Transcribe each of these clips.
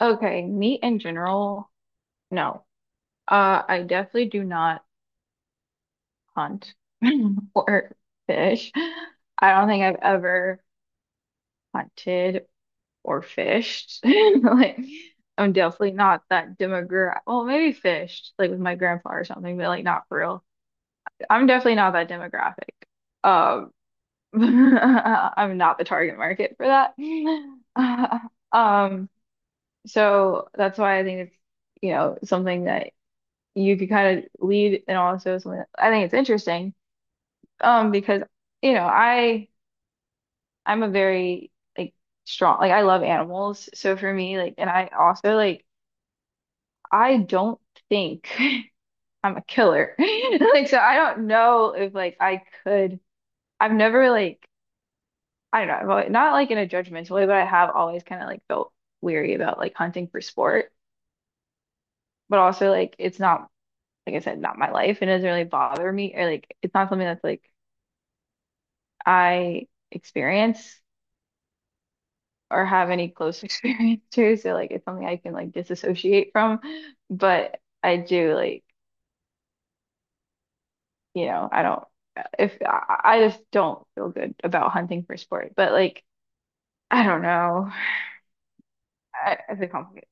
Okay, meat in general, no. I definitely do not hunt or fish. I don't think I've ever hunted or fished. Like, I'm definitely not that demographic. Well, maybe fished, like with my grandpa or something, but like not for real. I'm definitely not that demographic. Um, I'm not the target market for that. Um, so that's why I think it's, you know, something that you could kind of lead, and also something I think it's interesting because you know I I'm a very like strong, like I love animals, so for me like, and I also like, I don't think I'm a killer like so I don't know if like I could, I've never like, I don't know, I've always, not like in a judgmental way, but I have always kind of like felt weary about like hunting for sport, but also like it's not, like I said, not my life, and it doesn't really bother me, or like it's not something that's like I experience or have any close experience to. So like it's something I can like disassociate from. But I do like, I don't if I just don't feel good about hunting for sport. But like I don't know. It's a complicated.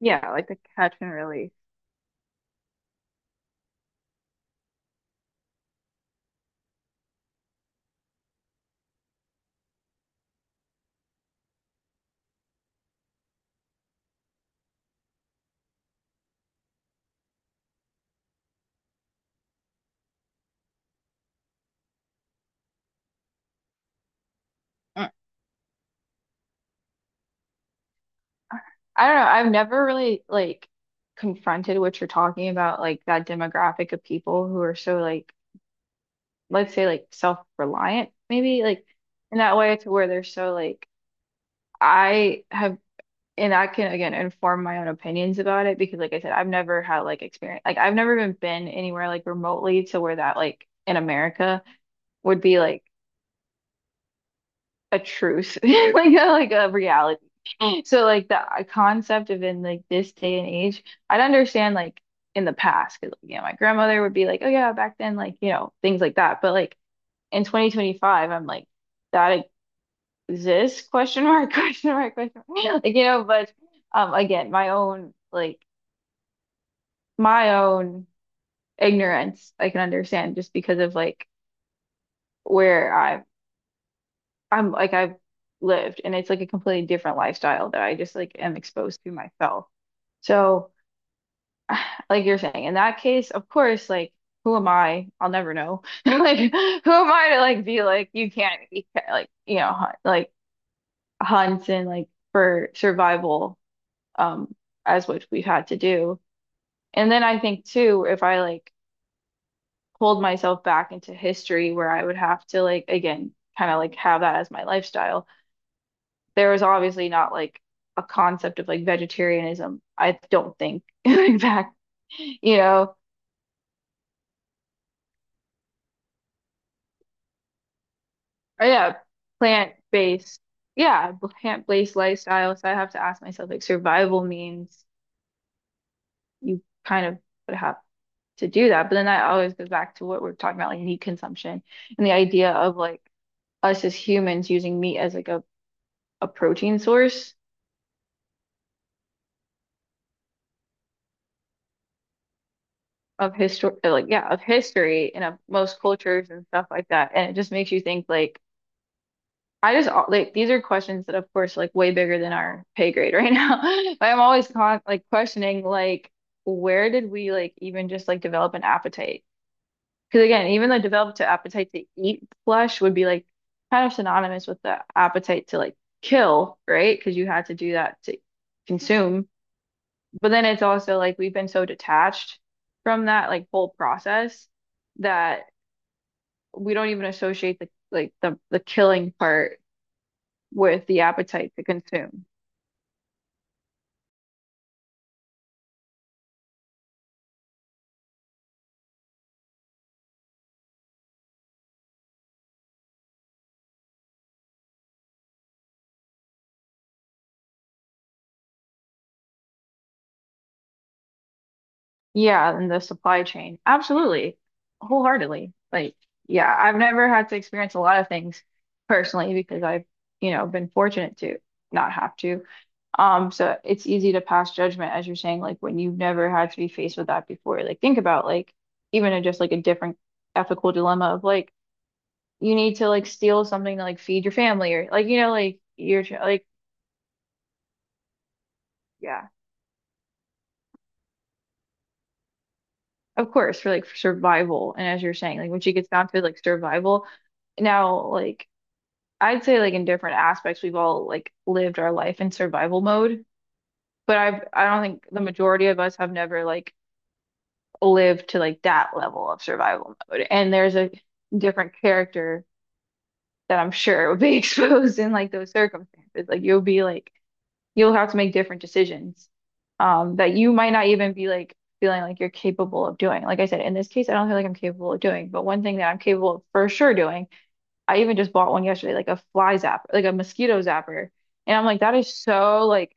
Yeah, like the catch and release. Mm. I don't know. I've never really like confronted what you're talking about, like that demographic of people who are so like, let's say like self-reliant, maybe like, in that way to where they're so like, I have, and I can again inform my own opinions about it because, like I said, I've never had like experience, like I've never even been anywhere like remotely to where that, like in America, would be like a truce, like a reality. So like the concept of, in like this day and age, I'd understand like in the past because yeah, my grandmother would be like, oh yeah, back then, like you know things like that. But like in 2025, I'm like that. This question mark question mark like you know, but again my own like my own ignorance I can understand just because of like where I've, I'm like I've lived, and it's like a completely different lifestyle that I just like am exposed to myself. So like you're saying, in that case of course like, who am I, I'll never know like, who am I to like be like, you can't like hunt, like hunt and like for survival, um, as what we've had to do. And then I think too, if I like pulled myself back into history where I would have to like again kind of like have that as my lifestyle, there was obviously not like a concept of like vegetarianism. I don't think back, you know, or plant-based, yeah, plant-based lifestyle. So I have to ask myself, like survival means you kind of would have to do that. But then that always goes back to what we're talking about, like meat consumption and the idea of like us as humans using meat as like a protein source of history, like yeah, of history and of most cultures and stuff like that, and it just makes you think like, I just like, these are questions that of course like way bigger than our pay grade right now, but I'm always con, like questioning like where did we like even just like develop an appetite, because again even the develop to appetite to eat flesh would be like kind of synonymous with the appetite to like kill, right? Because you had to do that to consume. But then it's also like we've been so detached from that like whole process, that we don't even associate the like, the killing part with the appetite to consume. Yeah, and the supply chain. Absolutely. Wholeheartedly. Like, yeah, I've never had to experience a lot of things personally because I've, you know, been fortunate to not have to. So it's easy to pass judgment, as you're saying, like when you've never had to be faced with that before. Like think about like even a, just like a different ethical dilemma of like, you need to like steal something to like feed your family, or like you know like you're like yeah, of course for like survival. And as you're saying, like when she gets down to like survival, now like I'd say like in different aspects we've all like lived our life in survival mode, but I don't think the majority of us have never like live to like that level of survival mode. And there's a different character that I'm sure would be exposed in like those circumstances. Like you'll be like, you'll have to make different decisions that you might not even be like feeling like you're capable of doing. Like I said, in this case, I don't feel like I'm capable of doing, but one thing that I'm capable of for sure doing, I even just bought one yesterday, like a fly zapper, like a mosquito zapper. And I'm like, that is so like,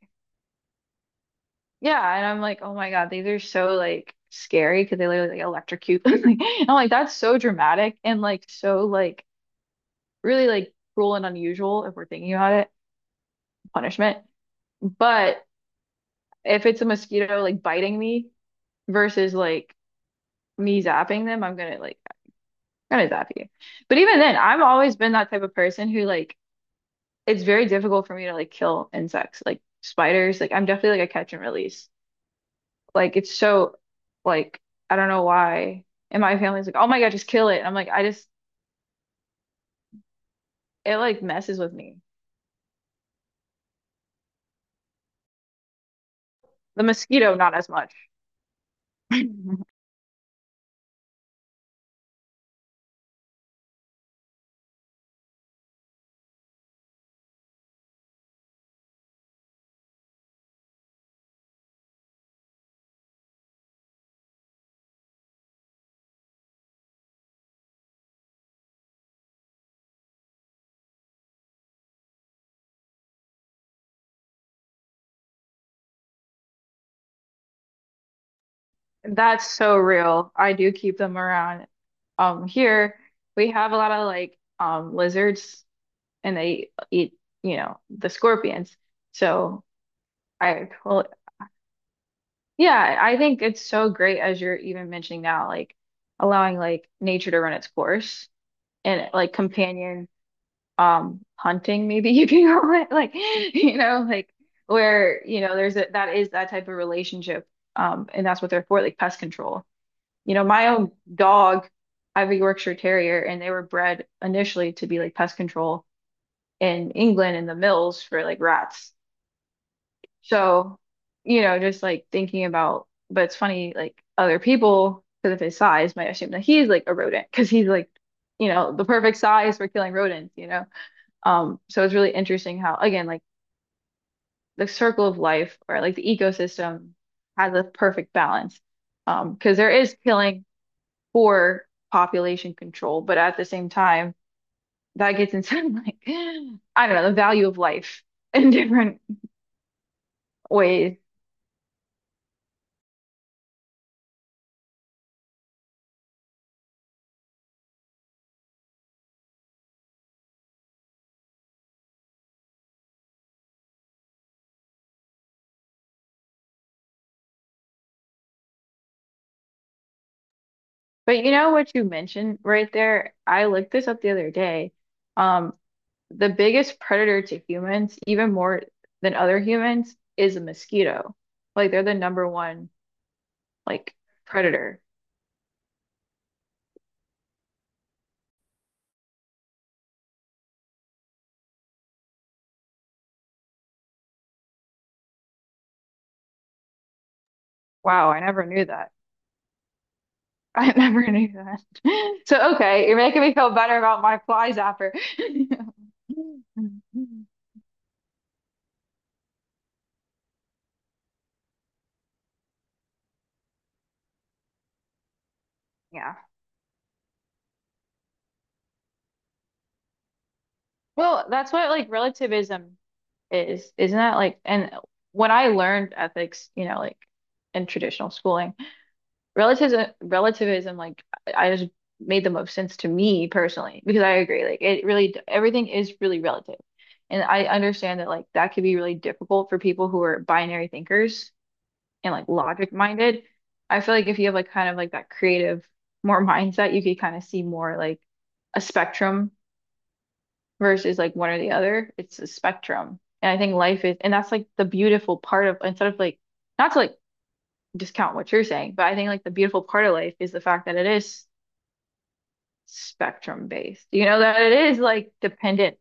yeah, and I'm like, oh my God, these are so like scary, because they literally like electrocute. Like, I'm like, that's so dramatic and like so like really like cruel and unusual, if we're thinking about it, punishment. But if it's a mosquito like biting me versus like me zapping them, I'm gonna like, I'm gonna zap you. But even then, I've always been that type of person who like, it's very difficult for me to like kill insects, like spiders. Like I'm definitely like a catch and release. Like it's so like, I don't know why. And my family's like, "Oh my God, just kill it." And I'm like, I just, it like messes with me. The mosquito, not as much. That's so real. I do keep them around. Here we have a lot of like lizards, and they eat, you know, the scorpions. So I, well, yeah, I think it's so great, as you're even mentioning now, like allowing like nature to run its course, and like companion hunting maybe, you can call it, like you know like, where you know there's a, that is that type of relationship, and that's what they're for, like pest control. You know, my own dog, I have a Yorkshire Terrier and they were bred initially to be like pest control in England in the mills for like rats. So, you know, just like thinking about, but it's funny like other people, because of his size, might assume that he's like a rodent because he's like, you know, the perfect size for killing rodents, you know. So it's really interesting how, again, like the circle of life or like the ecosystem has a perfect balance. Because there is killing for population control, but at the same time, that gets inside like, I don't know, the value of life in different ways. But you know what you mentioned right there? I looked this up the other day. Um, the biggest predator to humans, even more than other humans, is a mosquito. Like they're the number one like predator. Wow, I never knew that. I never knew that. So, okay, you're making me feel better about my fly zapper. Yeah. Well, that's what like relativism is, isn't that like? And when I learned ethics, you know, like in traditional schooling, relativism, like I just made the most sense to me personally, because I agree, like it really, everything is really relative, and I understand that like that could be really difficult for people who are binary thinkers and like logic minded. I feel like if you have like kind of like that creative more mindset, you could kind of see more like a spectrum versus like one or the other. It's a spectrum. And I think life is, and that's like the beautiful part of, instead of like, not to like discount what you're saying, but I think like the beautiful part of life is the fact that it is spectrum based, you know, that it is like dependent.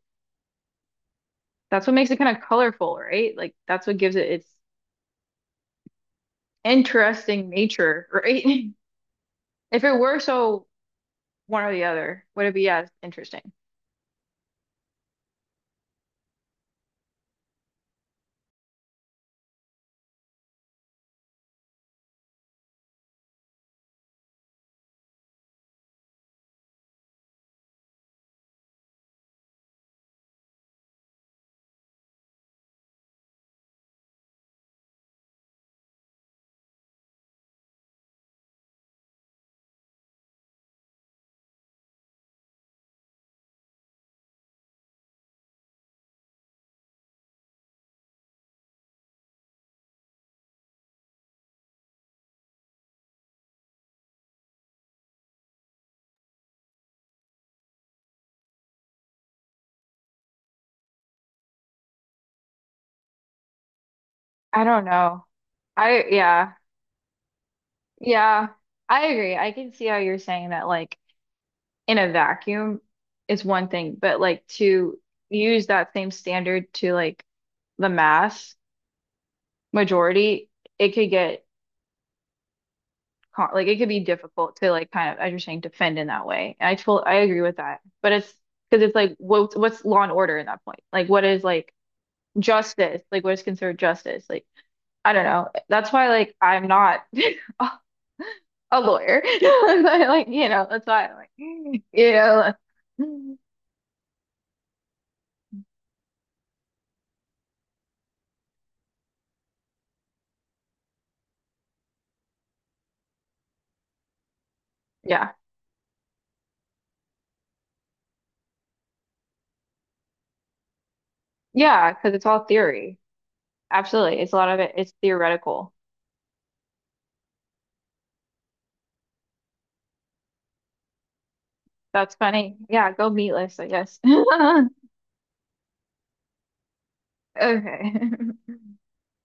That's what makes it kind of colorful, right? Like that's what gives it its interesting nature, right? If it were so one or the other. Would it be as interesting? I don't know. I yeah. Yeah. I agree. I can see how you're saying that, like in a vacuum is one thing, but like to use that same standard to like the mass majority, it could get like it could be difficult to like kind of, as you're saying, defend in that way. And I told I agree with that, but it's because it's like, what what's law and order in that point? Like what is like justice? Like what is considered justice? Like I don't know. That's why, like, I'm not a a lawyer. But, like, you know, that's why I'm like, you know, like, yeah, yeah, because it's all theory. Absolutely, it's a lot of it. It's theoretical. That's funny. Yeah, go meatless, I guess. Okay.